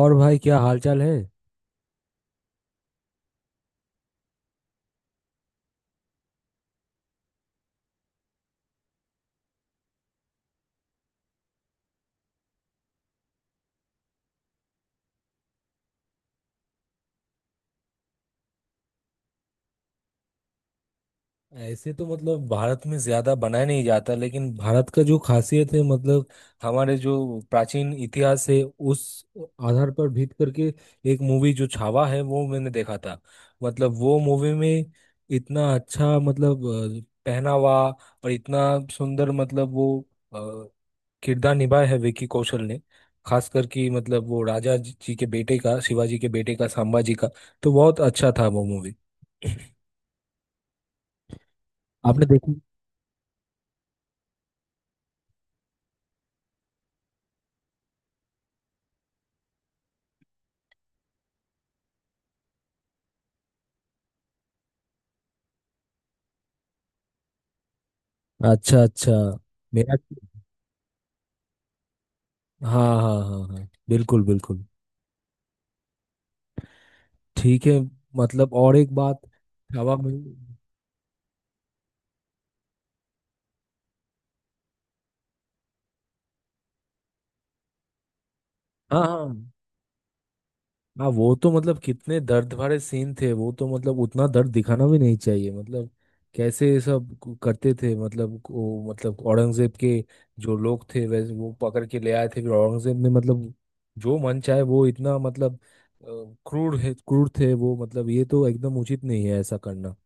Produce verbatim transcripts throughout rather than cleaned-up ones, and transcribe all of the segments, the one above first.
और भाई, क्या हालचाल है? ऐसे तो मतलब भारत में ज्यादा बनाया नहीं जाता लेकिन भारत का जो खासियत है मतलब हमारे जो प्राचीन इतिहास है उस आधार पर भीत करके एक मूवी जो छावा है वो मैंने देखा था। मतलब वो मूवी में इतना अच्छा मतलब अ, पहनावा और इतना सुंदर मतलब वो अ, किरदार निभाया है विकी कौशल ने। खास करके मतलब वो राजा जी के बेटे का, शिवाजी के बेटे का, संभाजी का। तो बहुत अच्छा था वो मूवी। आपने देखी? अच्छा अच्छा। मेरा तो, हाँ हाँ हाँ हाँ, बिल्कुल बिल्कुल। ठीक है। मतलब, और एक बात — हवा में। हाँ हाँ हाँ, वो तो मतलब कितने दर्द भरे सीन थे वो, तो मतलब उतना दर्द दिखाना भी नहीं चाहिए। मतलब कैसे ये सब क- करते थे, मतलब वो, मतलब औरंगजेब के जो लोग थे वैसे, वो पकड़ के ले आए थे फिर औरंगजेब ने मतलब जो मन चाहे, वो इतना मतलब अ, क्रूर है, क्रूर थे वो। मतलब ये तो एकदम उचित नहीं है ऐसा करना।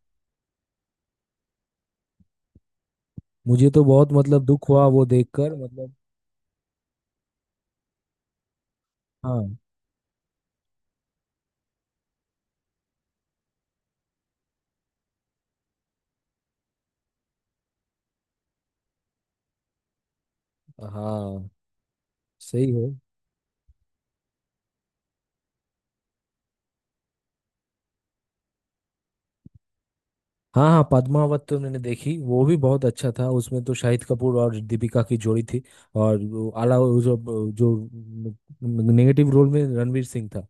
मुझे तो बहुत मतलब दुख हुआ वो देखकर मतलब। हाँ हाँ, सही है। हाँ हाँ, पद्मावत तो मैंने देखी, वो भी बहुत अच्छा था, उसमें तो शाहिद कपूर और दीपिका की जोड़ी थी। और वो आला, वो जो, जो नेगेटिव रोल में रणवीर सिंह था।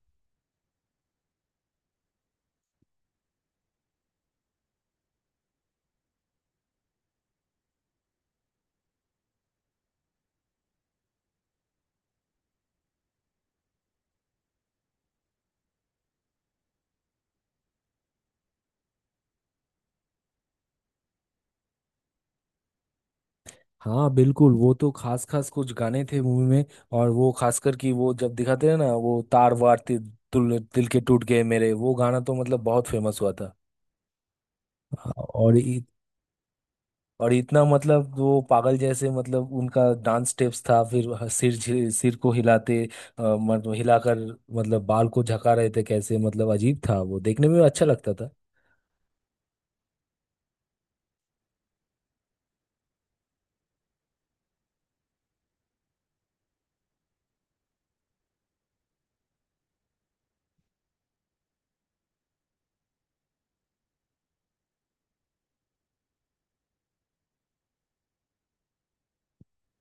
हाँ बिल्कुल, वो तो खास खास कुछ गाने थे मूवी में। और वो खासकर कि वो जब दिखाते हैं ना, वो तार वार, तिल, तिल के टूट गए मेरे — वो गाना तो मतलब बहुत फेमस हुआ था। हाँ, और इ- और इतना मतलब वो पागल जैसे, मतलब उनका डांस स्टेप्स था, फिर ह- सिर झि- सिर को हिलाते, अ, मतलब हिलाकर, मतलब बाल को झका रहे थे कैसे, मतलब अजीब था, वो देखने में अच्छा लगता था।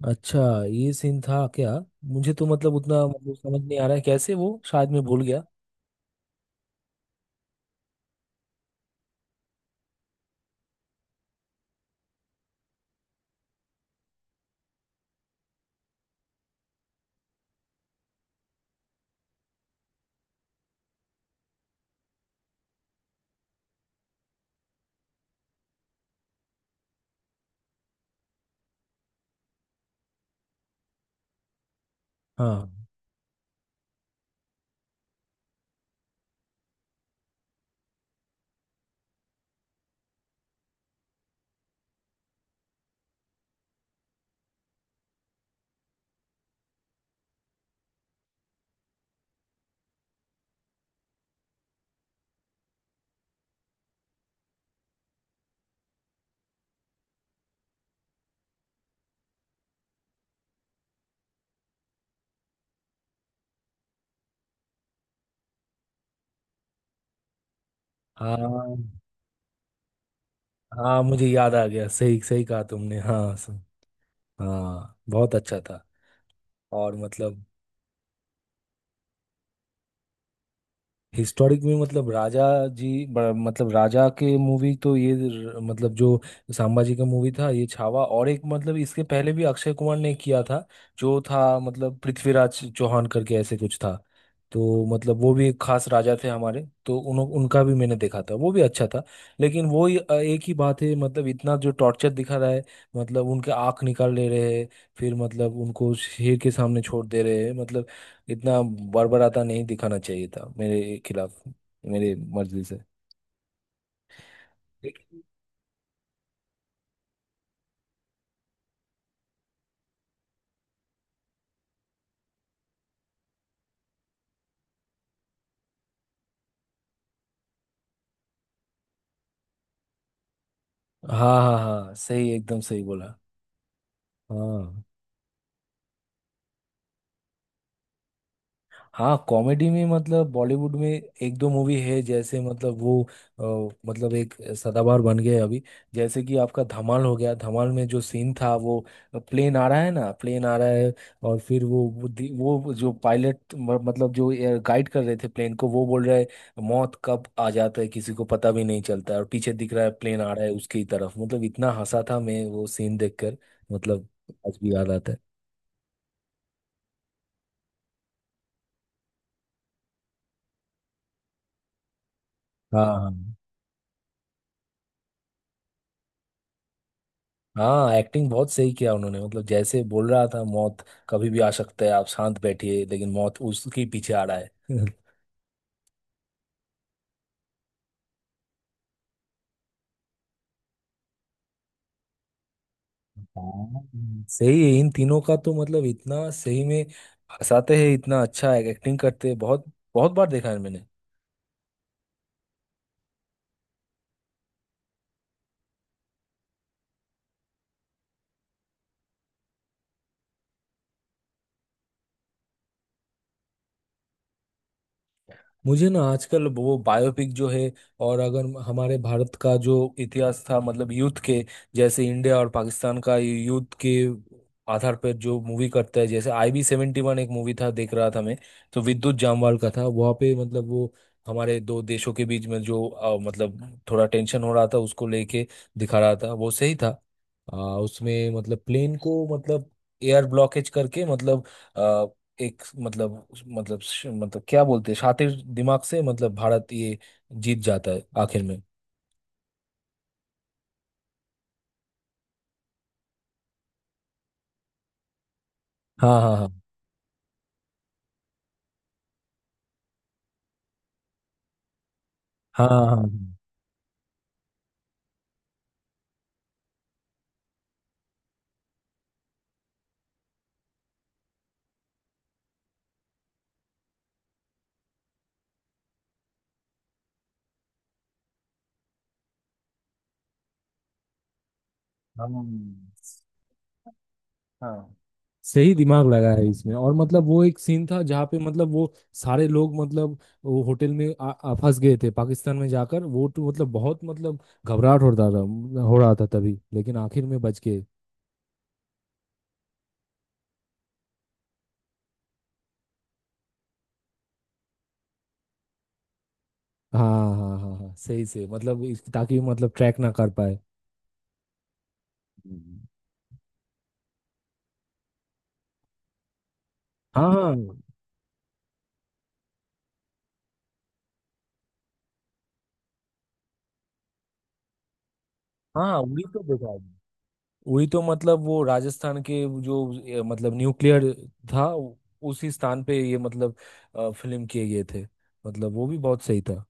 अच्छा, ये सीन था क्या? मुझे तो मतलब उतना मतलब समझ नहीं आ रहा है, कैसे वो, शायद मैं भूल गया। हाँ हाँ हाँ, मुझे याद आ गया, सही सही कहा तुमने। हाँ स- हाँ बहुत अच्छा था। और मतलब, हिस्टोरिक में मतलब राजा जी ब- मतलब राजा के मूवी तो ये र- मतलब जो संभाजी का मूवी था ये छावा। और एक मतलब इसके पहले भी अक्षय कुमार ने किया था, जो था मतलब पृथ्वीराज चौहान करके ऐसे कुछ था। तो मतलब वो भी एक खास राजा थे हमारे, तो उन उनका भी मैंने देखा था, वो भी अच्छा था। लेकिन वो ही, अ, एक ही बात है, मतलब इतना जो टॉर्चर दिखा रहा है, मतलब उनके आँख निकाल ले रहे हैं, फिर मतलब उनको शेर के सामने छोड़ दे रहे हैं मतलब। इतना बड़बड़ाता नहीं दिखाना चाहिए था मेरे खिलाफ, मेरे मर्जी से। हाँ हाँ हाँ, सही एकदम सही बोला। हाँ हाँ, कॉमेडी में मतलब बॉलीवुड में एक दो मूवी है, जैसे मतलब वो अ, मतलब एक सदाबहार बन गए अभी। जैसे कि आपका धमाल हो गया, धमाल में जो सीन था वो, प्लेन आ रहा है ना, प्लेन आ रहा है, और फिर वो वो दी- वो जो पायलट मतलब जो गाइड कर रहे थे प्लेन को, वो बोल रहा है, "मौत कब आ जाता है, किसी को पता भी नहीं चलता है", और पीछे दिख रहा है प्लेन आ रहा है उसकी तरफ, मतलब इतना हंसा था मैं वो सीन देखकर, मतलब आज भी याद आता है। हाँ हाँ। हाँ, एक्टिंग बहुत सही किया उन्होंने, मतलब जैसे बोल रहा था, मौत कभी भी आ सकता है, आप शांत बैठिए, लेकिन मौत उसके पीछे आ रहा है। हाँ सही है, इन तीनों का तो मतलब इतना सही में हंसाते हैं, इतना अच्छा एक्टिंग करते हैं। बहुत बहुत बार देखा है मैंने। मुझे ना आजकल वो बायोपिक जो है, और अगर हमारे भारत का जो इतिहास था, मतलब युद्ध के, जैसे इंडिया और पाकिस्तान का युद्ध के आधार पर जो मूवी करता है, जैसे आई बी सेवेंटी वन, एक मूवी था, देख रहा था मैं। तो विद्युत जामवाल का था वहाँ पे, मतलब वो हमारे दो देशों के बीच में जो अ, मतलब थोड़ा टेंशन हो रहा था उसको लेके दिखा रहा था, वो सही था। अ, उसमें मतलब प्लेन को मतलब एयर ब्लॉकेज करके, मतलब एक मतलब, मतलब मतलब क्या बोलते हैं, शातिर दिमाग से मतलब भारत ये जीत जाता है आखिर में। हाँ हाँ हाँ हाँ हाँ हाँ। हम। हाँ सही, दिमाग लगा है इसमें। और मतलब वो एक सीन था जहाँ पे मतलब वो सारे लोग मतलब वो होटल में आ, आ, फंस गए थे पाकिस्तान में जाकर, वो तो मतलब बहुत मतलब घबराहट हो रहा था, हो रहा था तभी, लेकिन आखिर में बच गए। हाँ हाँ हाँ हाँ, सही से मतलब इस- ताकि मतलब ट्रैक ना कर पाए। हम्म। हाँ हाँ हाँ, उड़ी तो देखा है। उड़ी तो मतलब वो राजस्थान के जो ए, मतलब न्यूक्लियर था, उ- उसी स्थान पे ये मतलब फिल्म किए गए थे, मतलब वो भी बहुत सही था।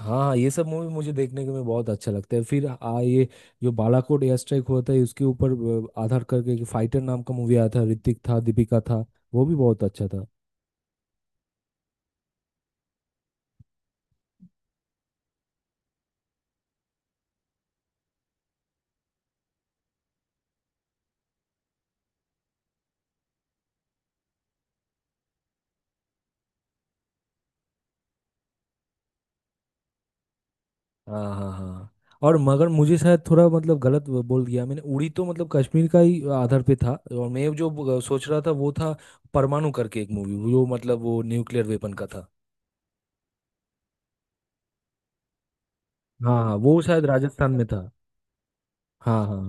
हाँ हाँ, ये सब मूवी मुझे देखने के में बहुत अच्छा लगता है। फिर आ ये जो बालाकोट एयर स्ट्राइक हुआ था उसके ऊपर अ, आधार करके फाइटर नाम का मूवी आया था, ऋतिक था, दीपिका था, वो भी बहुत अच्छा था। हाँ हाँ हाँ, और मगर मुझे शायद थोड़ा मतलब गलत वो बोल दिया मैंने, उड़ी तो मतलब कश्मीर का ही आधार पे था, और मैं जो ब- सोच रहा था वो था परमाणु करके एक मूवी, वो मतलब वो न्यूक्लियर वेपन का था। हाँ हाँ, वो शायद राजस्थान में था। हाँ हाँ,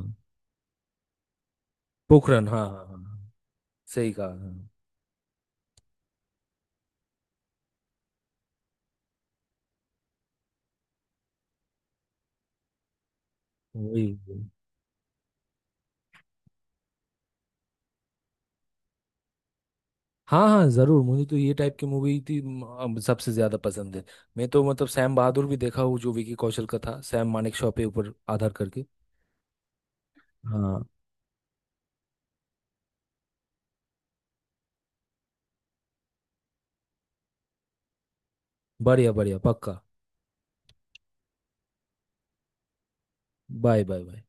पोखरण। हाँ हाँ हाँ हाँ, सही कहा। हाँ। वही वही। हाँ हाँ जरूर, मुझे तो ये टाइप की मूवी थी म, अब सबसे ज्यादा पसंद है। मैं तो मतलब सैम बहादुर भी देखा हूँ, जो विकी कौशल का था, सैम मानेकशॉ पे ऊपर आधार करके। हाँ, बढ़िया बढ़िया पक्का। Bye bye bye.